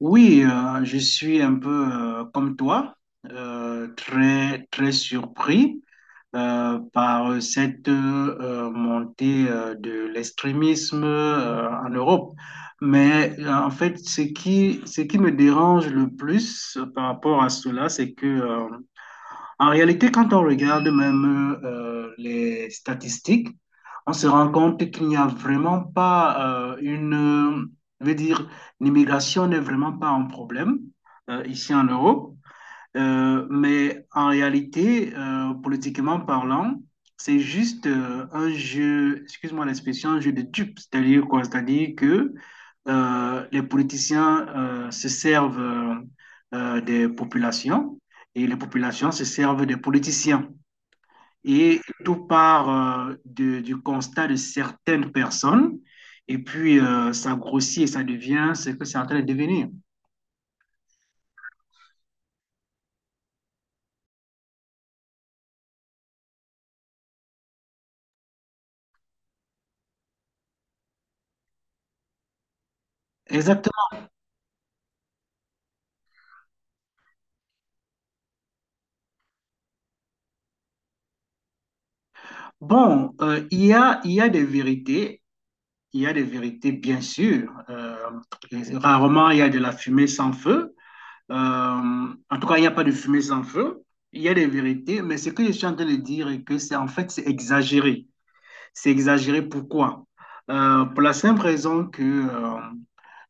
Oui, je suis un peu comme toi, très très surpris par cette montée de l'extrémisme en Europe. Mais en fait, ce qui me dérange le plus par rapport à cela, c'est que en réalité, quand on regarde même les statistiques, on se rend compte qu'il n'y a vraiment pas je veux dire, l'immigration n'est vraiment pas un problème ici en Europe. Mais en réalité, politiquement parlant, c'est juste un jeu, excuse-moi l'expression, un jeu de dupes. C'est-à-dire quoi? C'est-à-dire que les politiciens se servent des populations et les populations se servent des politiciens. Et tout part du constat de certaines personnes et puis ça grossit et ça devient ce que c'est en train de devenir. Exactement. Bon, il y a des vérités, il y a des vérités, bien sûr. Rarement, il y a de la fumée sans feu. En tout cas, il n'y a pas de fumée sans feu. Il y a des vérités, mais ce que je suis en train de dire est que c'est en fait, c'est exagéré. C'est exagéré pourquoi? Pour la simple raison que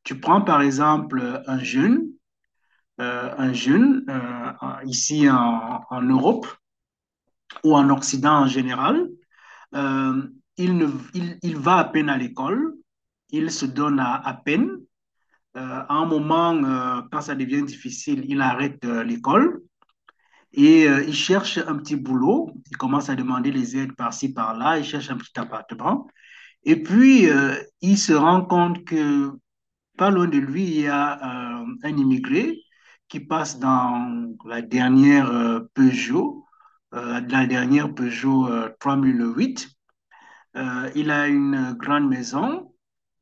tu prends par exemple un jeune, euh, un jeune euh, ici en Europe ou en Occident en général, euh, il, ne, il va à peine à l'école, il se donne à peine. À un moment, quand ça devient difficile, il arrête l'école et il cherche un petit boulot. Il commence à demander les aides par-ci, par-là. Il cherche un petit appartement. Et puis, il se rend compte que pas loin de lui, il y a un immigré qui passe dans la dernière Peugeot 3008. Il a une grande maison.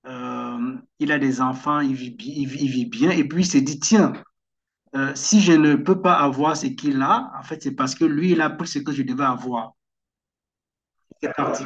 Il a des enfants, il vit, il vit bien. Et puis, il s'est dit, tiens, si je ne peux pas avoir ce qu'il a, en fait, c'est parce que lui, il a pris ce que je devais avoir. C'est parti.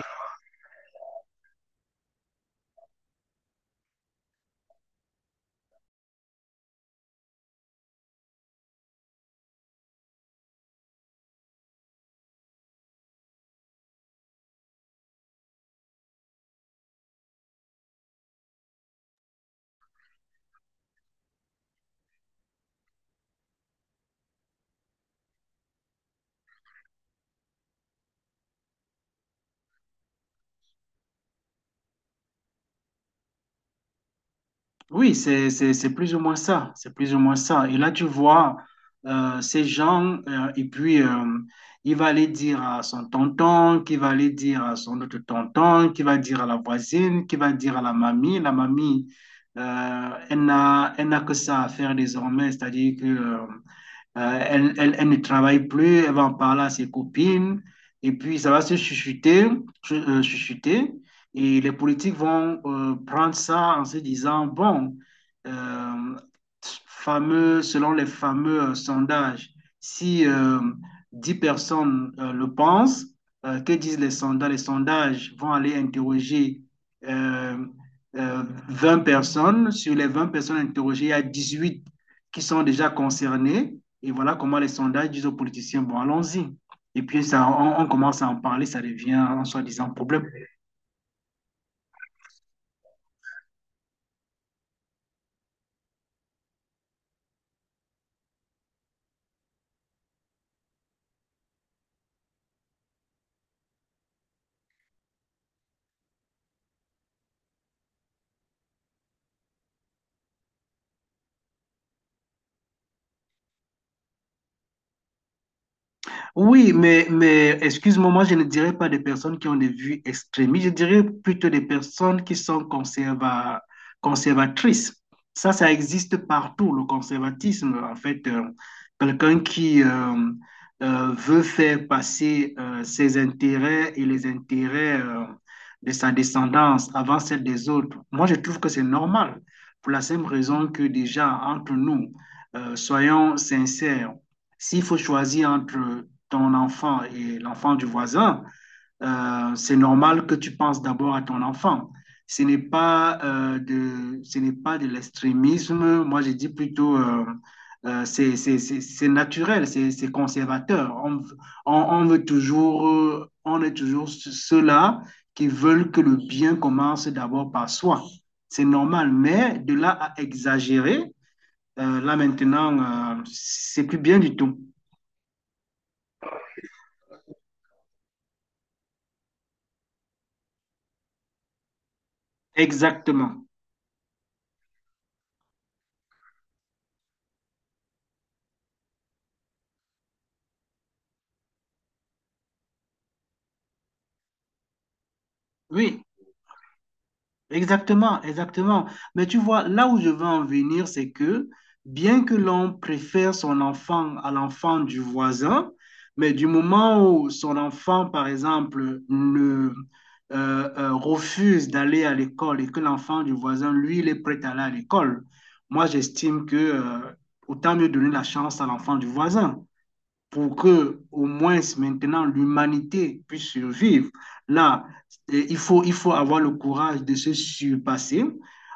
Oui, c'est plus ou moins ça. C'est plus ou moins ça. Et là, tu vois ces gens, et puis il va aller dire à son tonton, qui va aller dire à son autre tonton, qui va dire à la voisine, qui va dire à la mamie. La mamie, elle n'a que ça à faire désormais, c'est-à-dire que... Euh, elle ne travaille plus, elle va en parler à ses copines, et puis ça va se chuchoter, chuchoter, et les politiques vont prendre ça en se disant, bon, euh, selon les fameux sondages, si 10 personnes le pensent, que disent les sondages? Les sondages vont aller interroger euh, euh, 20 personnes. Sur les 20 personnes interrogées, il y a 18 qui sont déjà concernées. Et voilà comment les sondages disent aux politiciens, bon, allons-y. Et puis ça, on commence à en parler, ça devient en soi-disant problème. Oui, mais excuse-moi, moi je ne dirais pas des personnes qui ont des vues extrémistes, je dirais plutôt des personnes qui sont conservatrices. Ça existe partout, le conservatisme. En fait, quelqu'un qui veut faire passer ses intérêts et les intérêts de sa descendance avant celle des autres, moi je trouve que c'est normal, pour la simple raison que déjà, entre nous, soyons sincères. S'il faut choisir entre ton enfant et l'enfant du voisin, c'est normal que tu penses d'abord à ton enfant. Ce n'est pas de l'extrémisme. Moi, je dis plutôt, c'est naturel, c'est conservateur. On veut toujours, on est toujours ceux-là qui veulent que le bien commence d'abord par soi. C'est normal, mais de là à exagérer, là maintenant, c'est plus bien du tout. Exactement. Oui. Exactement, exactement. Mais tu vois, là où je veux en venir, c'est que bien que l'on préfère son enfant à l'enfant du voisin, mais du moment où son enfant, par exemple, ne, refuse d'aller à l'école et que l'enfant du voisin, lui, il est prêt à aller à l'école, moi, j'estime que autant mieux donner la chance à l'enfant du voisin pour que au moins maintenant l'humanité puisse survivre. Là, il faut avoir le courage de se surpasser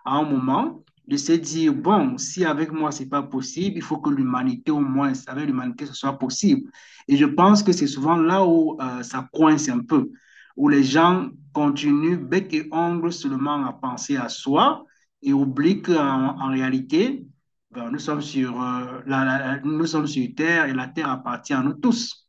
à un moment, de se dire, bon, si avec moi c'est pas possible, il faut que l'humanité au moins, avec l'humanité, ce soit possible. Et je pense que c'est souvent là où ça coince un peu, où les gens continuent bec et ongle seulement à penser à soi et oublient qu'en en réalité, ben, nous sommes sur terre et la terre appartient à nous tous.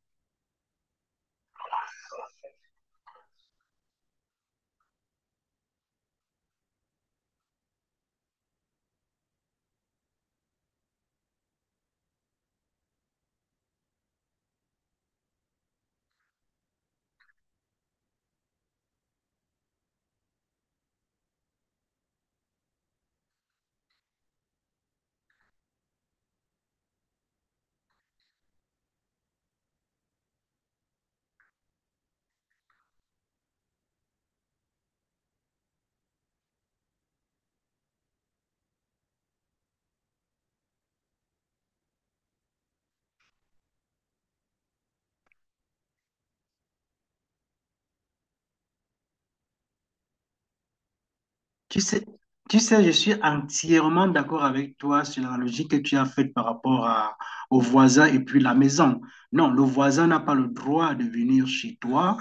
Tu sais, tu sais, je suis entièrement d'accord avec toi sur la logique que tu as faite par rapport au voisin et puis la maison. Non, le voisin n'a pas le droit de venir chez toi,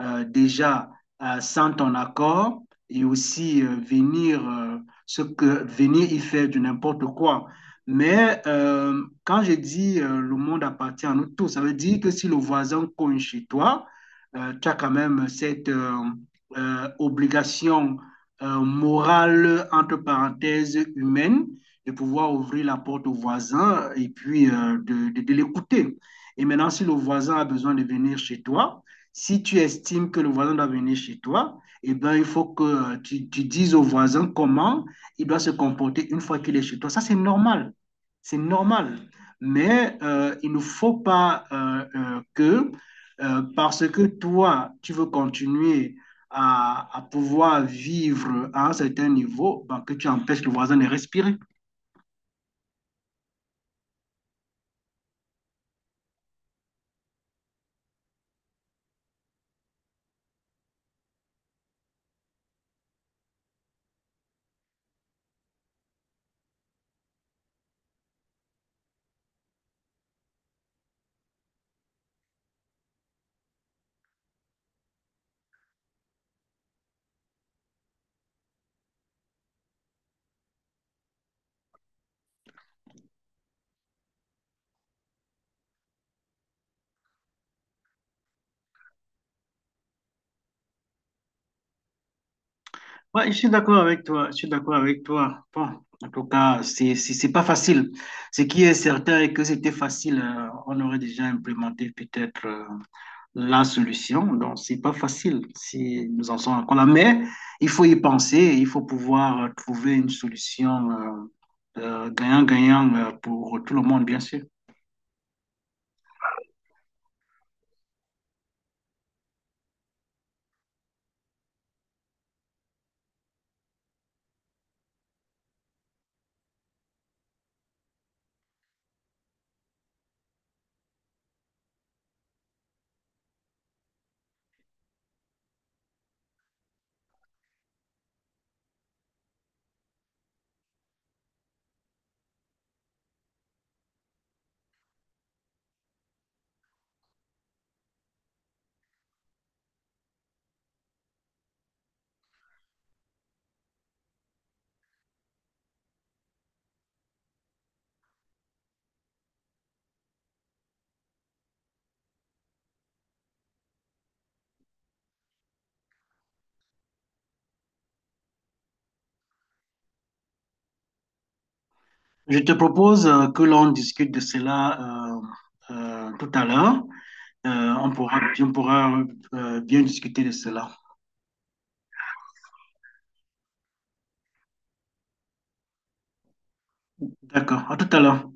déjà sans ton accord et aussi venir y faire du n'importe quoi. Mais quand je dis le monde appartient à nous tous, ça veut dire que si le voisin cogne chez toi, tu as quand même cette obligation morale, entre parenthèses, humaine, de pouvoir ouvrir la porte au voisin et puis de l'écouter. Et maintenant, si le voisin a besoin de venir chez toi, si tu estimes que le voisin doit venir chez toi, eh bien, il faut que tu dises au voisin comment il doit se comporter une fois qu'il est chez toi. Ça, c'est normal. C'est normal. Mais il ne faut pas parce que toi, tu veux continuer à pouvoir vivre à un certain niveau, ben, que tu empêches le voisin de respirer. Ouais, je suis d'accord avec toi, je suis d'accord avec toi. Bon, en tout cas, c'est pas facile. Ce qui est certain est que c'était facile, on aurait déjà implémenté peut-être la solution. Donc, c'est pas facile si nous en sommes encore là. Mais il faut y penser, il faut pouvoir trouver une solution gagnant-gagnant pour tout le monde, bien sûr. Je te propose que l'on discute de cela tout à l'heure. On pourra bien discuter de cela. D'accord, à tout à l'heure.